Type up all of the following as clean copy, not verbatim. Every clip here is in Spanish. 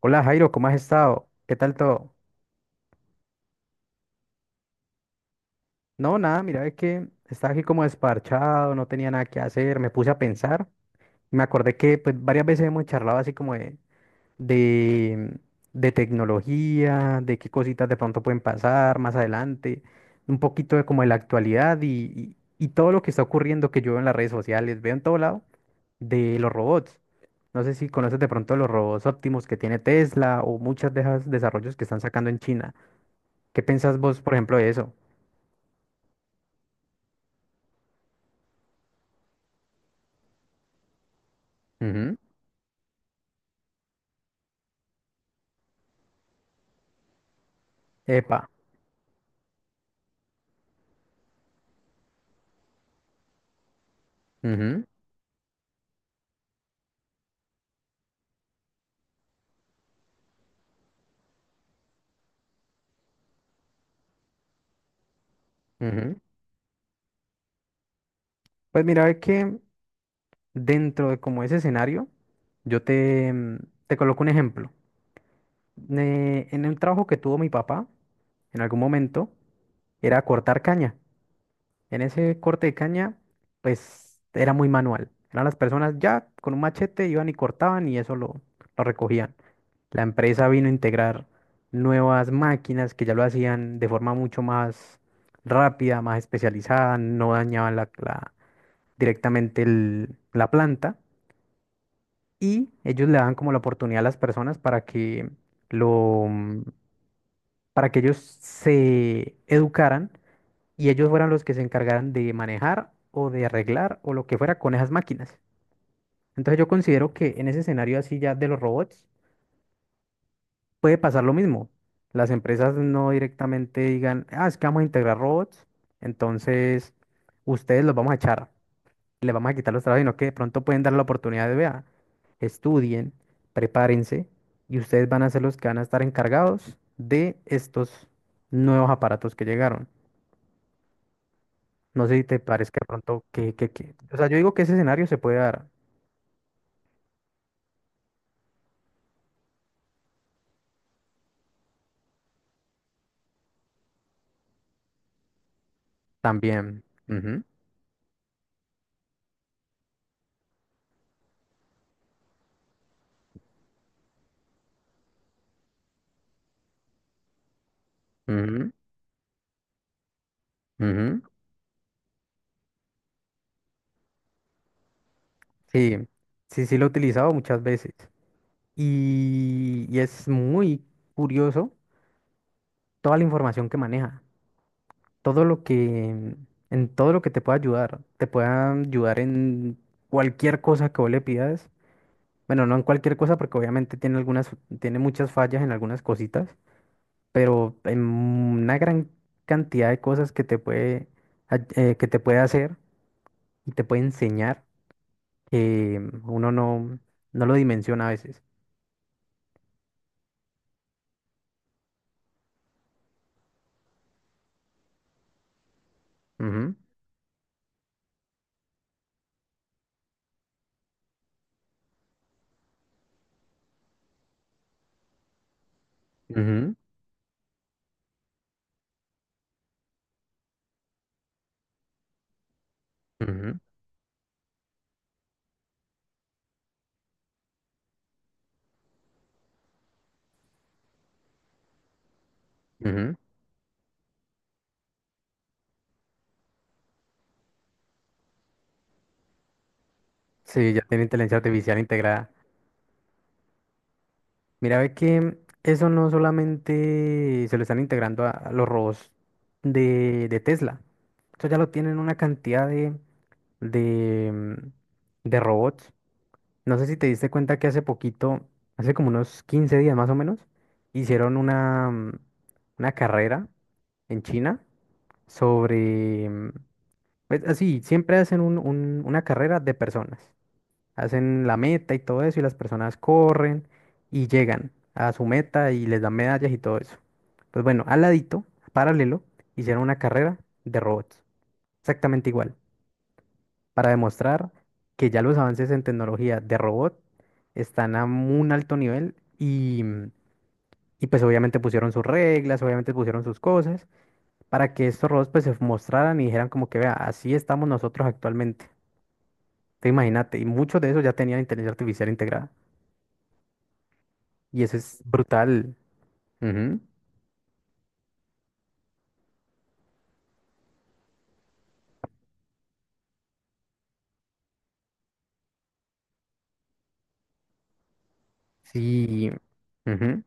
Hola Jairo, ¿cómo has estado? ¿Qué tal todo? No, nada, mira, es que estaba aquí como desparchado, no tenía nada que hacer, me puse a pensar. Me acordé que pues varias veces hemos charlado así como de, de tecnología, de qué cositas de pronto pueden pasar más adelante, un poquito de como de la actualidad y todo lo que está ocurriendo que yo veo en las redes sociales, veo en todo lado de los robots. No sé si conoces de pronto los robots óptimos que tiene Tesla o muchas de esos desarrollos que están sacando en China. ¿Qué pensás vos, por ejemplo, de eso? Ujú. Epa. Ujú. Ujú. Pues mira, ve que dentro de como ese escenario, yo te coloco un ejemplo. En el trabajo que tuvo mi papá, en algún momento, era cortar caña. En ese corte de caña, pues era muy manual. Eran las personas ya con un machete iban y cortaban y eso lo recogían. La empresa vino a integrar nuevas máquinas que ya lo hacían de forma mucho más rápida, más especializada, no dañaban directamente la planta y ellos le daban como la oportunidad a las personas para que lo, para que ellos se educaran y ellos fueran los que se encargaran de manejar o de arreglar o lo que fuera con esas máquinas. Entonces yo considero que en ese escenario así ya de los robots puede pasar lo mismo. Las empresas no directamente digan, ah, es que vamos a integrar robots, entonces ustedes los vamos a echar, les vamos a quitar los trabajos, sino que de pronto pueden dar la oportunidad de, vea, estudien, prepárense y ustedes van a ser los que van a estar encargados de estos nuevos aparatos que llegaron. No sé si te parezca de pronto o sea, yo digo que ese escenario se puede dar también. Ujú. Ujú. Ujú. Sí, sí, sí lo he utilizado muchas veces. Y es muy curioso toda la información que maneja. Todo lo que... En todo lo que te pueda ayudar. Te pueda ayudar en cualquier cosa que vos le pidas. Bueno, no en cualquier cosa porque obviamente tiene algunas... Tiene muchas fallas en algunas cositas. Pero en una gran cantidad de cosas que te puede hacer y te puede enseñar que uno no lo dimensiona a veces. Ujú. Ujú. Ujú. Ujú. Sí, ya tiene inteligencia artificial integrada. Mira, ve que eso no solamente se lo están integrando a los robots de Tesla. Eso ya lo tienen una cantidad de, mm, de robots. No sé si te diste cuenta que hace poquito, hace como unos 15 días más o menos, hicieron una carrera en China sobre... mm, pues, así, siempre hacen una carrera de personas. Hacen la meta y todo eso y las personas corren y llegan a su meta y les dan medallas y todo eso. Pues bueno, al ladito, paralelo, hicieron una carrera de robots. Exactamente igual para demostrar que ya los avances en tecnología de robot están a un alto nivel y pues obviamente pusieron sus reglas, obviamente pusieron sus cosas para que estos robots pues se mostraran y dijeran como que vea, así estamos nosotros actualmente. Te imagínate, y muchos de esos ya tenían inteligencia artificial integrada y eso es brutal. Ujú. Sí. Ujú.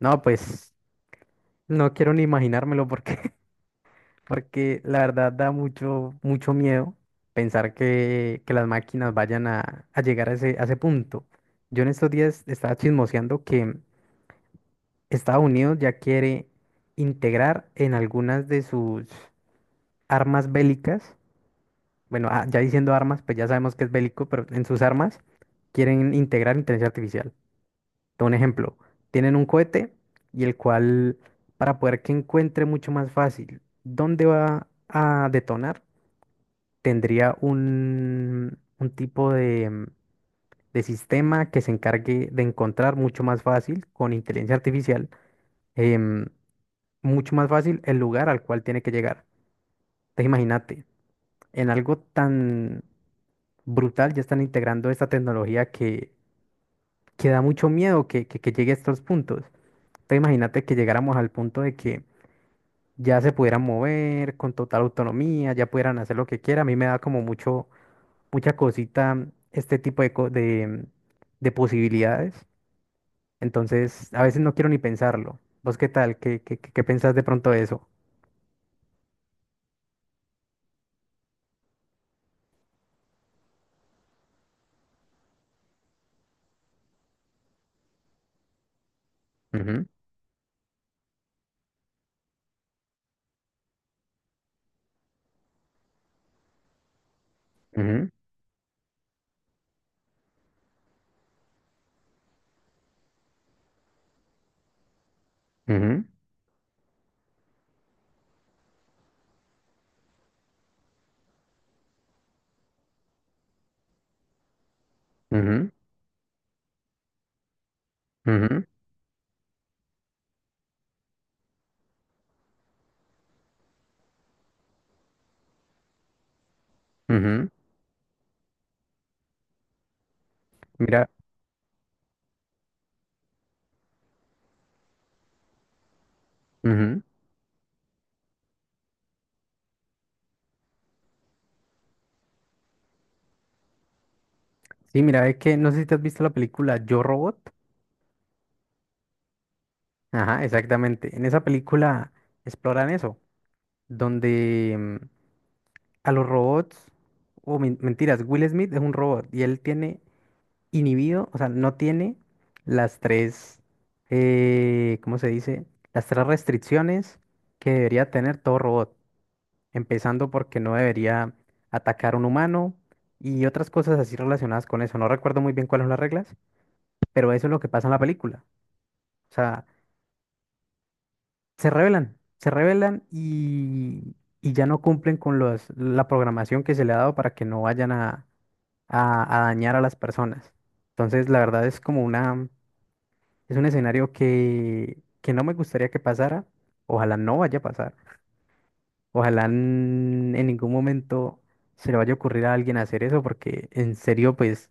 No, pues no quiero ni imaginármelo porque porque la verdad da mucho, mucho miedo pensar que las máquinas vayan a llegar a ese punto. Yo en estos días estaba chismoseando que Estados Unidos ya quiere integrar en algunas de sus armas bélicas, bueno, ah, ya diciendo armas, pues ya sabemos que es bélico, pero en sus armas quieren integrar inteligencia artificial. Te doy un ejemplo, tienen un cohete y el cual, para poder que encuentre mucho más fácil, ¿dónde va a detonar? Tendría un tipo de sistema que se encargue de encontrar mucho más fácil con inteligencia artificial, em, mucho más fácil el lugar al cual tiene que llegar. Entonces imagínate, en algo tan brutal ya están integrando esta tecnología que da mucho miedo que llegue a estos puntos. Entonces imagínate que llegáramos al punto de que ya se pudieran mover con total autonomía, ya pudieran hacer lo que quieran. A mí me da como mucho, mucha cosita este tipo de posibilidades. Entonces, a veces no quiero ni pensarlo. ¿Vos qué tal? ¿Qué pensás de pronto de eso? Ujú. Ujú. Ujú. Ujú. Ujú. Ujú. Mira. Ujú. Sí, mira, es que no sé si te has visto la película Yo Robot. Ajá, exactamente. En esa película exploran eso, donde a los robots, o mentiras, Will Smith es un robot y él tiene inhibido, o sea, no tiene las tres, ¿cómo se dice? Las tres restricciones que debería tener todo robot, empezando porque no debería atacar a un humano y otras cosas así relacionadas con eso. No recuerdo muy bien cuáles son las reglas, pero eso es lo que pasa en la película. O sea, se rebelan y ya no cumplen con la programación que se le ha dado para que no vayan a dañar a las personas. Entonces, la verdad es como una... Es un escenario que no me gustaría que pasara. Ojalá no vaya a pasar. Ojalá en ningún momento se le vaya a ocurrir a alguien hacer eso, porque en serio, pues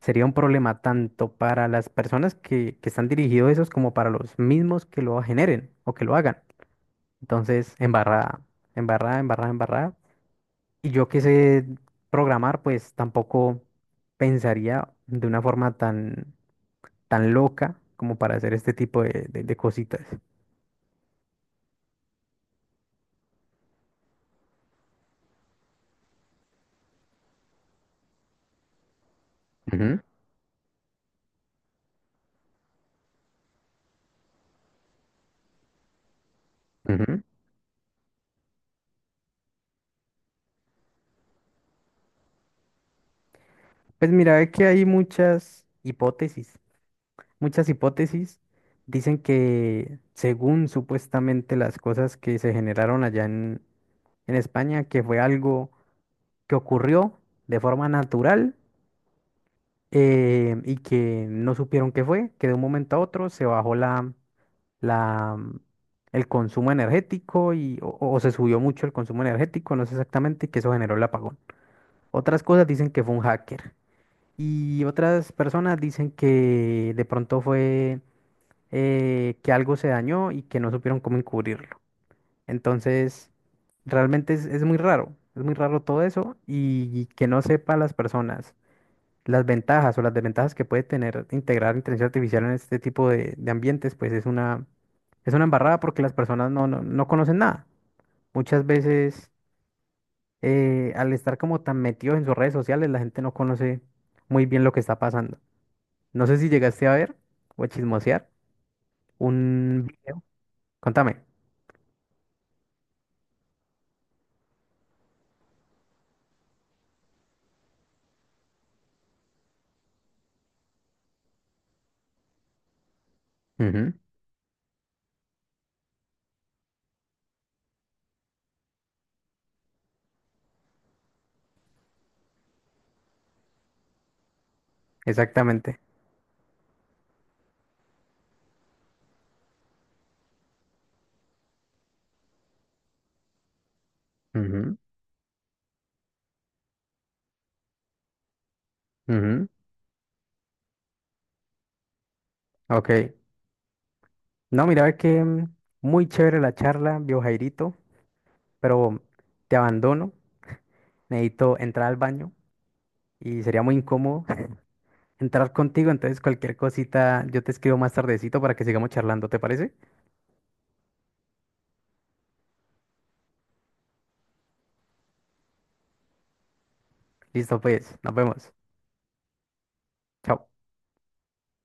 sería un problema tanto para las personas que están dirigidos esos como para los mismos que lo generen o que lo hagan. Entonces, embarrada, embarrada, embarrada, embarrada. Y yo que sé programar, pues tampoco pensaría de una forma tan, tan loca como para hacer este tipo de cositas. Ujú. Pues mira, es que hay muchas hipótesis. Muchas hipótesis dicen que según supuestamente las cosas que se generaron allá en España, que fue algo que ocurrió de forma natural, y que no supieron qué fue, que de un momento a otro se bajó la, mm, el consumo energético o se subió mucho el consumo energético, no sé exactamente, y que eso generó el apagón. Otras cosas dicen que fue un hacker. Y otras personas dicen que de pronto fue, que algo se dañó y que no supieron cómo encubrirlo. Entonces, realmente es muy raro, es muy raro todo eso y que no sepa las personas las ventajas o las desventajas que puede tener integrar inteligencia artificial en este tipo de ambientes, pues es una embarrada porque las personas no conocen nada. Muchas veces, al estar como tan metidos en sus redes sociales, la gente no conoce muy bien lo que está pasando. No sé si llegaste a ver o a chismosear un video. Contame. Ujú. Exactamente. Ujú. Ujú. Ok. No, mira, ve que muy chévere la charla, viejo Jairito, pero te abandono. Necesito entrar al baño y sería muy incómodo entrar contigo. Entonces, cualquier cosita yo te escribo más tardecito para que sigamos charlando, ¿te parece? Listo, pues, nos vemos. Chao.